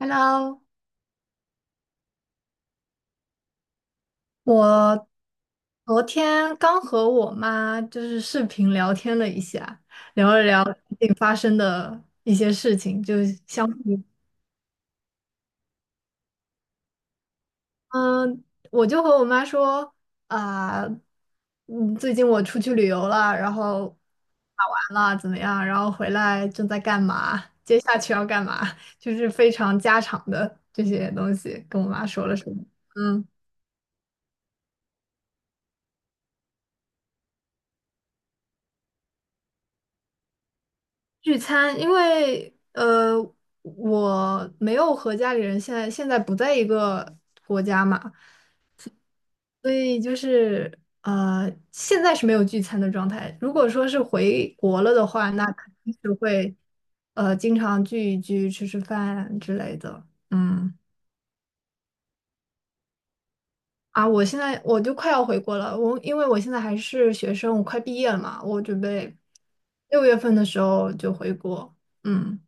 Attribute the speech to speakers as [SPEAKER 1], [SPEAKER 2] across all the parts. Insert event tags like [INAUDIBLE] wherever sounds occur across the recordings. [SPEAKER 1] Hello，我昨天刚和我妈就是视频聊天了一下，聊了聊最近发生的一些事情，就是相比。嗯，我就和我妈说啊。最近我出去旅游了，然后打完了怎么样，然后回来正在干嘛，接下去要干嘛，就是非常家常的这些东西，跟我妈说了说。嗯聚餐，因为我没有和家里人现在不在一个国家嘛，所以就是现在是没有聚餐的状态。如果说是回国了的话，那肯定是会经常聚一聚、吃吃饭之类的。嗯，啊，我现在我就快要回国了，因为我现在还是学生，我快毕业了嘛，我准备6月份的时候就回国。嗯。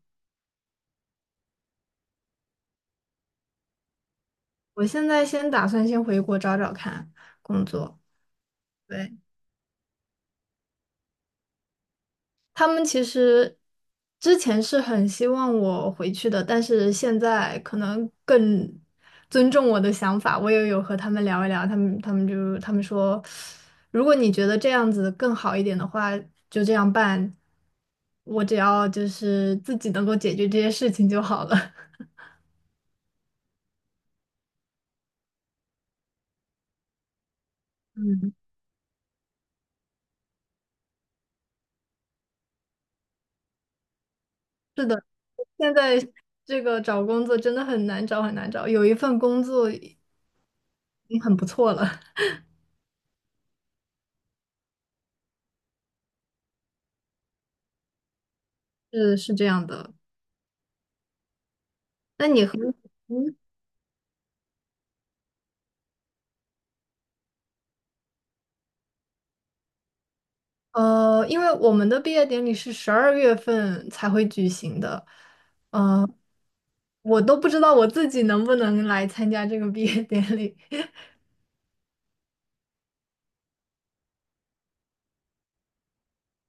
[SPEAKER 1] 我现在先打算先回国找找看工作。对，他们其实之前是很希望我回去的，但是现在可能更尊重我的想法。我也有和他们聊一聊，他们说，如果你觉得这样子更好一点的话，就这样办。我只要就是自己能够解决这些事情就好了。[LAUGHS] 嗯，是的，现在这个找工作真的很难找，很难找。有一份工作。已经很不错了。[LAUGHS] 是是这样的。那你和嗯呃，因为我们的毕业典礼是12月份才会举行的，呃，我都不知道我自己能不能来参加这个毕业典礼。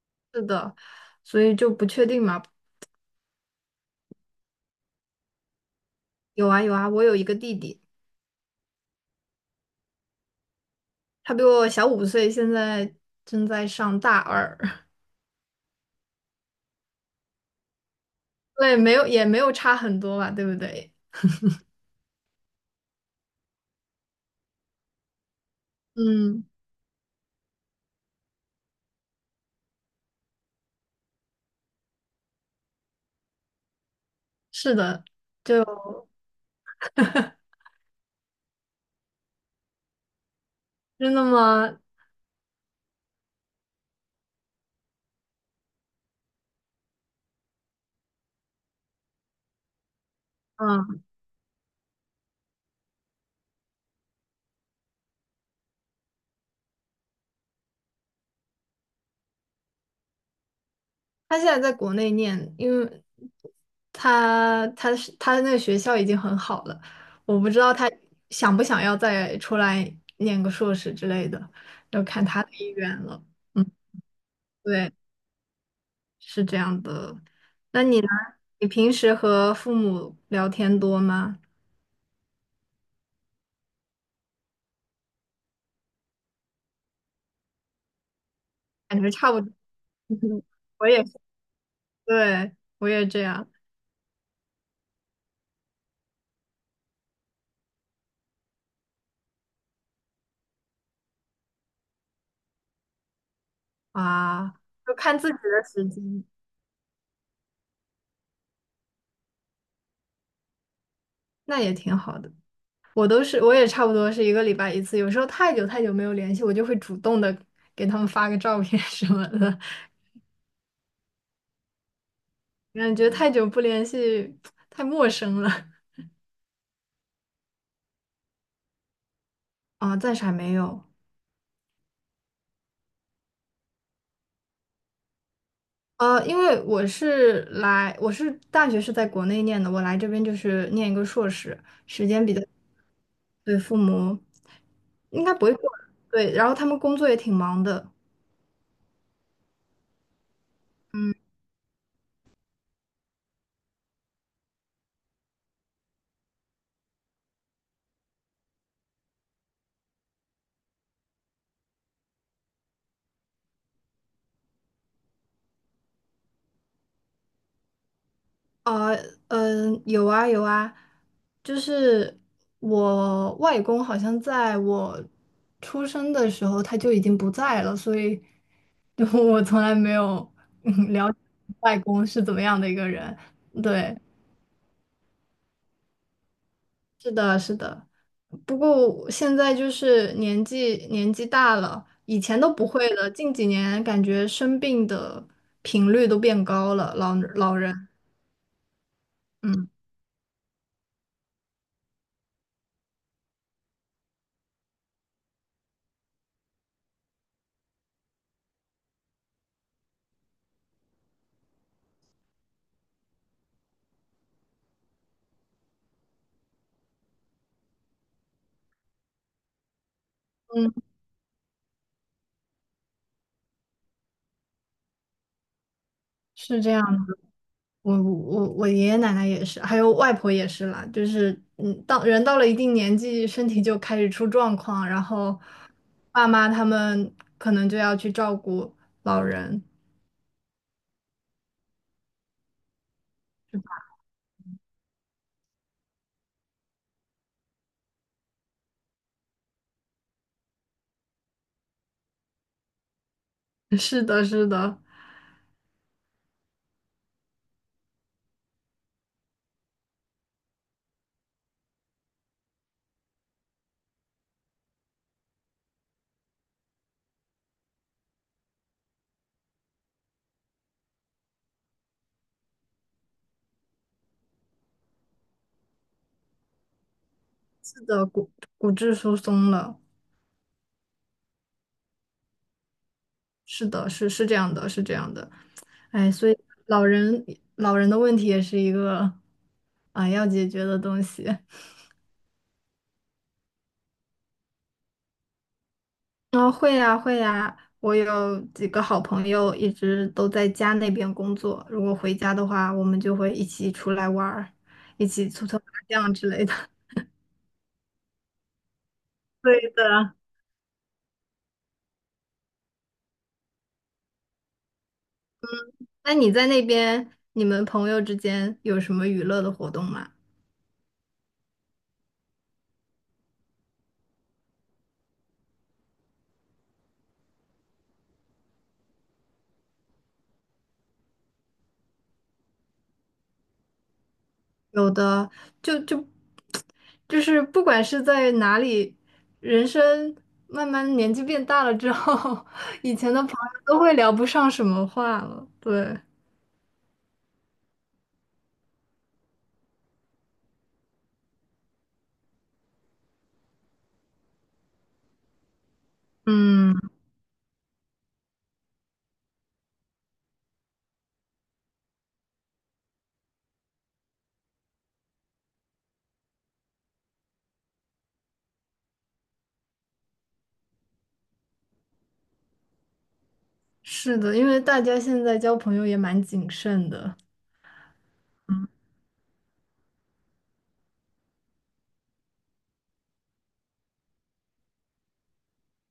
[SPEAKER 1] [LAUGHS] 是的，所以就不确定嘛。有啊有啊，我有一个弟弟，他比我小5岁，现在正在上大二。[LAUGHS] 对，没有也没有差很多吧，对不对？嗯，是的，真的吗？嗯。他现在在国内念，因为他那个学校已经很好了，我不知道他想不想要再出来念个硕士之类的，要看他的意愿了。嗯，对，是这样的。那你呢？你平时和父母聊天多吗？感觉差不多。[LAUGHS] 我也是，对，我也这样啊，就看自己的时间，那也挺好的。我都是，我也差不多是一个礼拜一次，有时候太久太久没有联系，我就会主动的给他们发个照片 [LAUGHS] 什么的，感觉太久不联系，太陌生了。啊，暂时还没有。因为我是来，我是大学是在国内念的，我来这边就是念一个硕士，时间比较，对，父母应该不会过来，对，然后他们工作也挺忙的。嗯。啊，嗯，有啊有啊，就是我外公好像在我出生的时候他就已经不在了，所以就 [LAUGHS] 我从来没有了解外公是怎么样的一个人。对，不过我现在就是年纪大了，以前都不会了，近几年感觉生病的频率都变高了，老人，嗯嗯，是这样。我爷爷奶奶也是，还有外婆也是啦，就是嗯，到人到了一定年纪，身体就开始出状况，然后爸妈他们可能就要去照顾老人。[LAUGHS] 是的，是的，是的，骨质疏松了，是的，是是这样的，是这样的。哎，所以老人老人的问题也是一个啊要解决的东西。啊，会呀，会呀，我有几个好朋友一直都在家那边工作，如果回家的话，我们就会一起出来玩儿，一起搓搓麻将之类的。[LAUGHS] 对的。那你在那边，你们朋友之间有什么娱乐的活动吗？有的，就就就是不管是在哪里，人生慢慢年纪变大了之后，[LAUGHS] 以前的朋友都会聊不上什么话了。对，嗯。是的，因为大家现在交朋友也蛮谨慎的，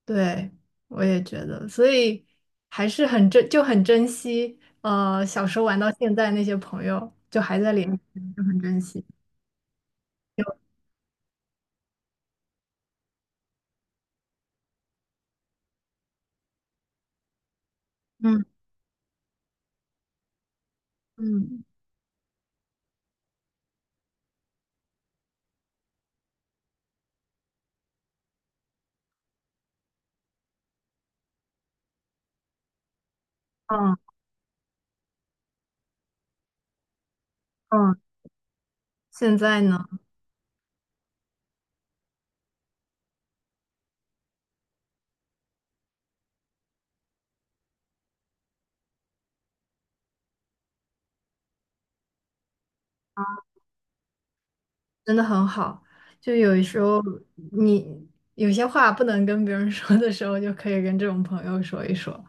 [SPEAKER 1] 对，我也觉得，所以还是就很珍惜，小时候玩到现在那些朋友，就还在联系，就很珍惜。有，嗯嗯嗯嗯，现在呢，真的很好，就有时候你有些话不能跟别人 [LAUGHS] 说的时候，就可以跟这种朋友说一说。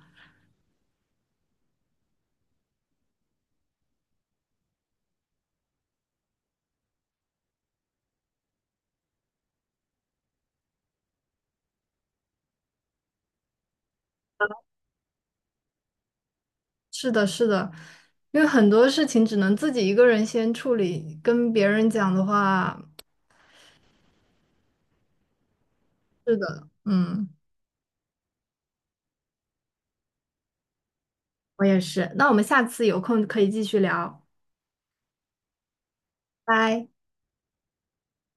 [SPEAKER 1] 是的，是的。因为很多事情只能自己一个人先处理，跟别人讲的话，是的，嗯，我也是。那我们下次有空可以继续聊，拜。